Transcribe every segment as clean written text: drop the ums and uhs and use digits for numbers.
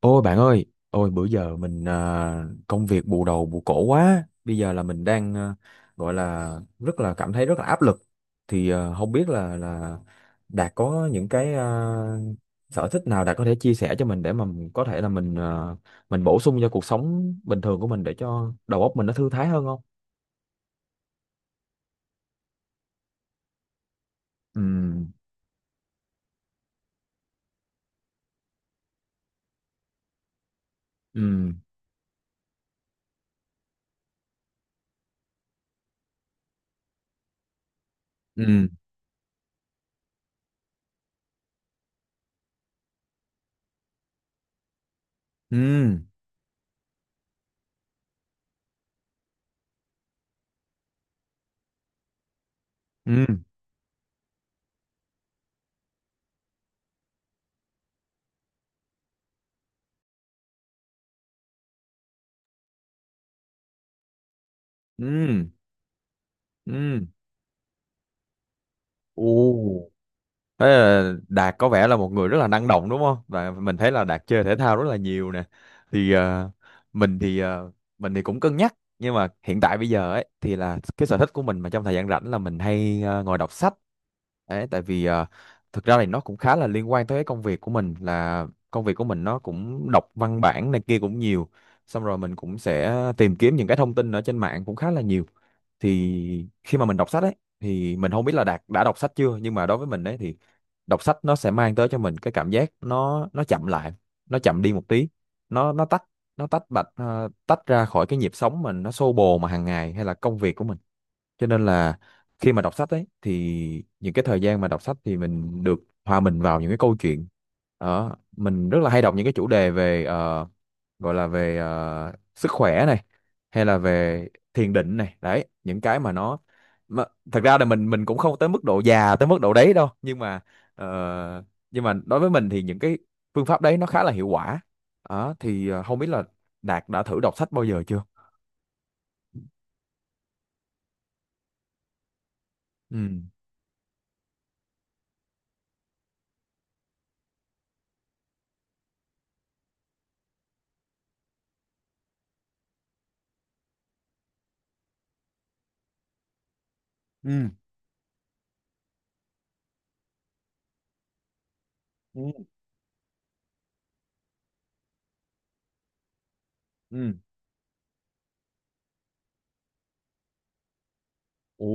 Ôi bạn ơi, ôi bữa giờ mình công việc bù đầu bù cổ quá. Bây giờ là mình đang gọi là rất là cảm thấy rất là áp lực. Không biết là Đạt có những cái sở thích nào Đạt có thể chia sẻ cho mình để mà mình có thể là mình bổ sung cho cuộc sống bình thường của mình để cho đầu óc mình nó thư thái hơn không? Ừ, ừ, ừ, ừ, ừ, ừ, ừ. Ồ. Thế là Đạt có vẻ là một người rất là năng động đúng không? Và mình thấy là Đạt chơi thể thao rất là nhiều nè. Thì ờ, mình thì ờ, mình thì cũng cân nhắc nhưng mà hiện tại bây giờ ấy thì là cái sở thích của mình mà trong thời gian rảnh là mình hay ngồi đọc sách. Đấy, tại vì thực ra thì nó cũng khá là liên quan tới cái công việc của mình là công việc của mình nó cũng đọc văn bản này kia cũng nhiều. Xong rồi mình cũng sẽ tìm kiếm những cái thông tin ở trên mạng cũng khá là nhiều. Thì khi mà mình đọc sách ấy thì mình không biết là Đạt đã đọc sách chưa nhưng mà đối với mình đấy thì đọc sách nó sẽ mang tới cho mình cái cảm giác nó chậm lại, nó chậm đi một tí, nó nó tách nó tách bạch, tách ra khỏi cái nhịp sống mình nó xô bồ mà hàng ngày hay là công việc của mình. Cho nên là khi mà đọc sách ấy thì những cái thời gian mà đọc sách thì mình được hòa mình vào những cái câu chuyện đó. Mình rất là hay đọc những cái chủ đề về gọi là về sức khỏe này hay là về thiền định này đấy, những cái mà mà, thật ra là mình cũng không tới mức độ già tới mức độ đấy đâu nhưng mà ờ, nhưng mà đối với mình thì những cái phương pháp đấy nó khá là hiệu quả. Đó không biết là Đạt đã thử đọc sách bao giờ chưa. Ừ, ừ, ừ, ừ. Ồ,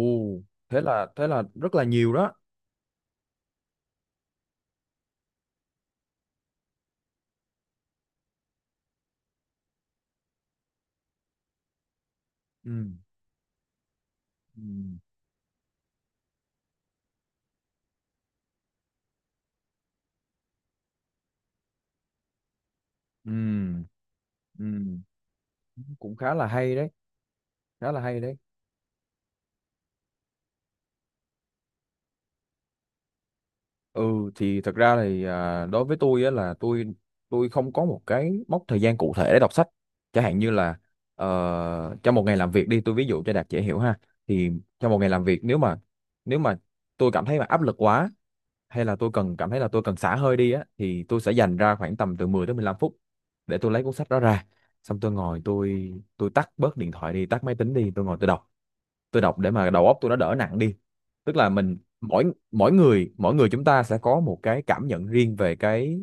thế là rất là nhiều đó. Ừ, ừ, ừ, ừ. Cũng khá là hay đấy. Khá là hay đấy. Ừ, thì thật ra thì đối với tôi á là tôi không có một cái mốc thời gian cụ thể để đọc sách. Chẳng hạn như là trong một ngày làm việc đi, tôi ví dụ cho Đạt dễ hiểu ha. Thì trong một ngày làm việc nếu mà tôi cảm thấy mà áp lực quá hay là tôi cần cảm thấy là tôi cần xả hơi đi á, thì tôi sẽ dành ra khoảng tầm từ 10 tới 15 phút để tôi lấy cuốn sách đó ra. Xong tôi ngồi, tôi tắt bớt điện thoại đi, tắt máy tính đi, tôi ngồi tôi đọc để mà đầu óc tôi nó đỡ nặng đi. Tức là mình mỗi mỗi người chúng ta sẽ có một cái cảm nhận riêng về cái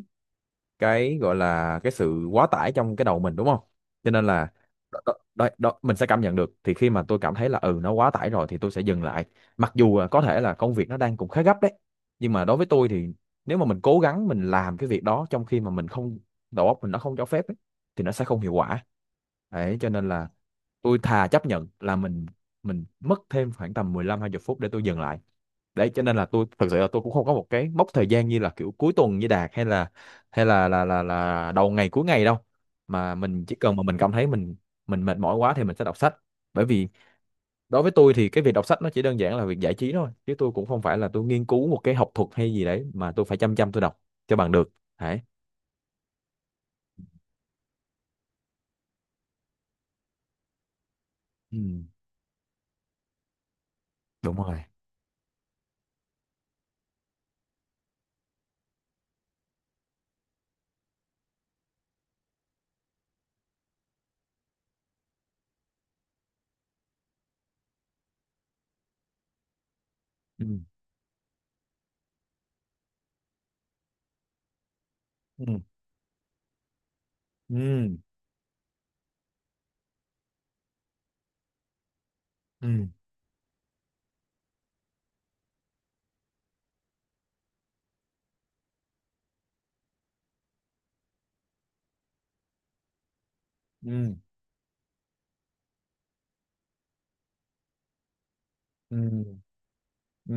cái gọi là cái sự quá tải trong cái đầu mình đúng không. Cho nên là đó, đó, đó, đó, mình sẽ cảm nhận được thì khi mà tôi cảm thấy là ừ nó quá tải rồi thì tôi sẽ dừng lại, mặc dù là có thể là công việc nó đang cũng khá gấp đấy, nhưng mà đối với tôi thì nếu mà mình cố gắng mình làm cái việc đó trong khi mà mình không đầu óc mình nó không cho phép ấy, thì nó sẽ không hiệu quả. Đấy cho nên là tôi thà chấp nhận là mình mất thêm khoảng tầm mười lăm hai mươi phút để tôi dừng lại. Đấy cho nên là tôi thật sự là tôi cũng không có một cái mốc thời gian như là kiểu cuối tuần như Đạt, hay là đầu ngày cuối ngày đâu, mà mình chỉ cần mà mình cảm thấy mình mệt mỏi quá thì mình sẽ đọc sách. Bởi vì đối với tôi thì cái việc đọc sách nó chỉ đơn giản là việc giải trí thôi, chứ tôi cũng không phải là tôi nghiên cứu một cái học thuật hay gì đấy mà tôi phải chăm chăm tôi đọc cho bằng được. Đấy. Ừ, đúng rồi. Ừ, ừ, ừ, ừ, ừ, ừ, ừ.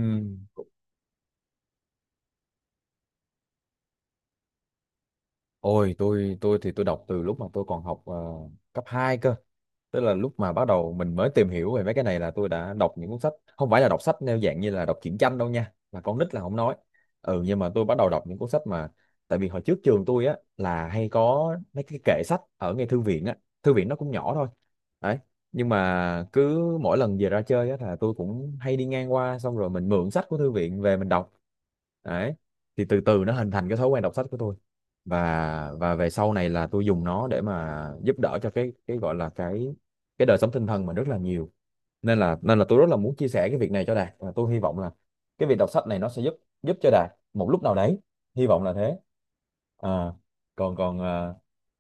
Ôi, tôi thì tôi đọc từ lúc mà tôi còn học cấp 2 cơ. Tức là lúc mà bắt đầu mình mới tìm hiểu về mấy cái này là tôi đã đọc những cuốn sách, không phải là đọc sách theo dạng như là đọc truyện tranh đâu nha, là con nít là không nói. Ừ, nhưng mà tôi bắt đầu đọc những cuốn sách mà tại vì hồi trước trường tôi á là hay có mấy cái kệ sách ở ngay thư viện á, thư viện nó cũng nhỏ thôi. Đấy. Nhưng mà cứ mỗi lần về ra chơi á là tôi cũng hay đi ngang qua, xong rồi mình mượn sách của thư viện về mình đọc. Đấy. Thì từ từ nó hình thành cái thói quen đọc sách của tôi, và về sau này là tôi dùng nó để mà giúp đỡ cho cái gọi là cái đời sống tinh thần mình rất là nhiều, nên là tôi rất là muốn chia sẻ cái việc này cho Đạt và tôi hy vọng là cái việc đọc sách này nó sẽ giúp, giúp cho Đạt một lúc nào đấy, hy vọng là thế. à, còn còn à,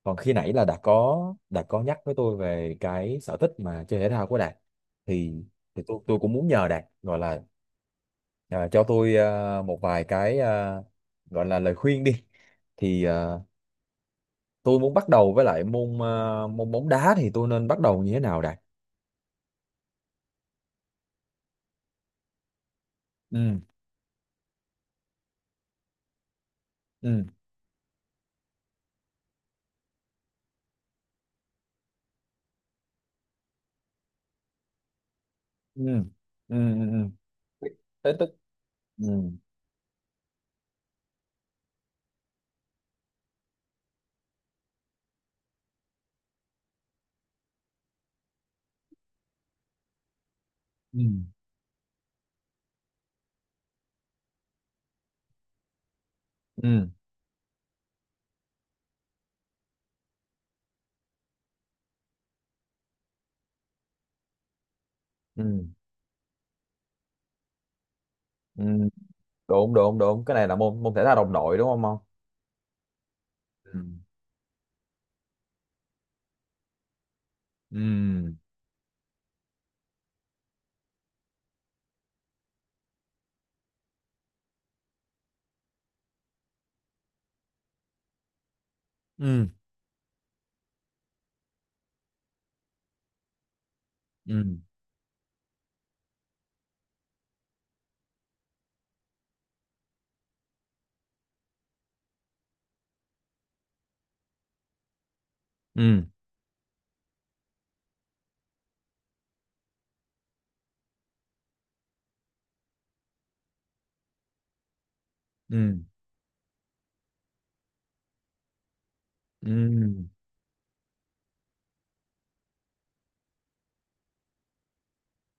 còn khi nãy là Đạt có nhắc với tôi về cái sở thích mà chơi thể thao của Đạt, thì thì tôi cũng muốn nhờ Đạt gọi là cho tôi một vài gọi là lời khuyên đi. thì à, tôi muốn bắt đầu với lại môn môn bóng đá thì tôi nên bắt đầu như thế nào đây? Ừ, ừ, ừ, ừ, ừ, ừ. Thế tức ừ, ừ, ừ, ừ, ừ. Đúng, đúng, đúng. Cái này là môn môn thể thao đồng đội đúng không ông? Ừ, ừ, ừ, ừ, ừ, ừ, ừ,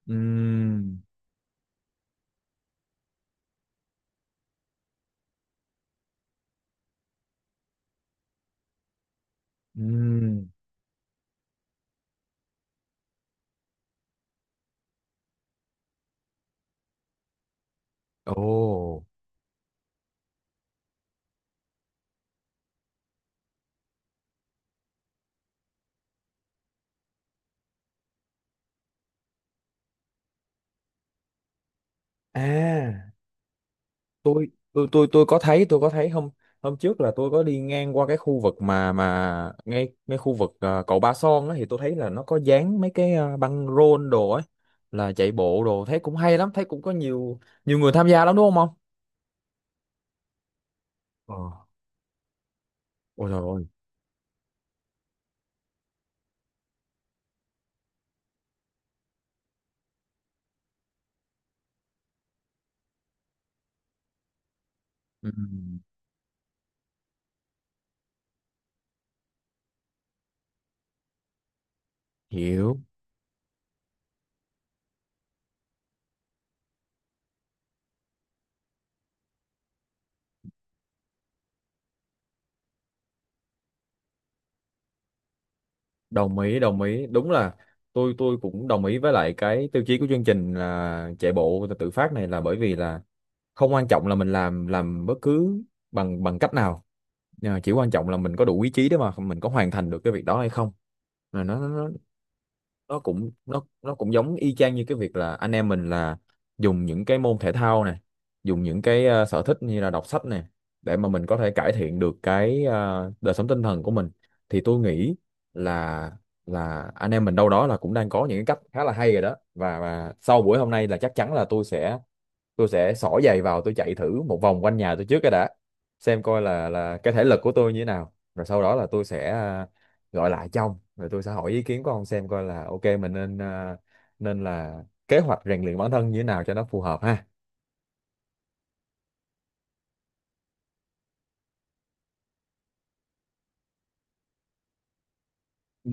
ừ, ừ. Ồ, à. tôi tôi có thấy, tôi có thấy hôm hôm trước là tôi có đi ngang qua cái khu vực mà ngay ngay khu vực cầu Ba Son á, thì tôi thấy là nó có dán mấy cái băng rôn đồ ấy, là chạy bộ đồ, thấy cũng hay lắm, thấy cũng có nhiều, nhiều người tham gia lắm đúng không không Ờ. Ôi trời ơi. Ừ, hiểu. Đồng ý, đồng ý, đúng là tôi cũng đồng ý với lại cái tiêu chí của chương trình là chạy bộ tự phát này, là bởi vì là không quan trọng là mình làm bất cứ bằng bằng cách nào. Nhưng mà chỉ quan trọng là mình có đủ ý chí để mà mình có hoàn thành được cái việc đó hay không. Là nó cũng nó cũng giống y chang như cái việc là anh em mình là dùng những cái môn thể thao này, dùng những cái sở thích như là đọc sách này, để mà mình có thể cải thiện được cái đời sống tinh thần của mình, thì tôi nghĩ là là anh em mình đâu đó là cũng đang có những cái cách khá là hay rồi đó. Và sau buổi hôm nay là chắc chắn là tôi sẽ xỏ giày vào tôi chạy thử một vòng quanh nhà tôi trước cái đã, xem coi là cái thể lực của tôi như thế nào, rồi sau đó là tôi sẽ gọi lại cho ông rồi tôi sẽ hỏi ý kiến của ông xem coi là ok mình nên nên là kế hoạch rèn luyện bản thân như thế nào cho nó phù hợp ha. Ừ.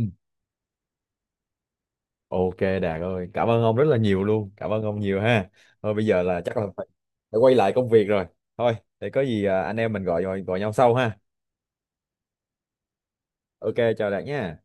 Ok, Đạt ơi, cảm ơn ông rất là nhiều luôn, cảm ơn ông nhiều ha. Thôi bây giờ là chắc là phải phải quay lại công việc rồi, thôi để có gì anh em mình gọi gọi, gọi nhau sau ha. Ok, chào Đạt nha.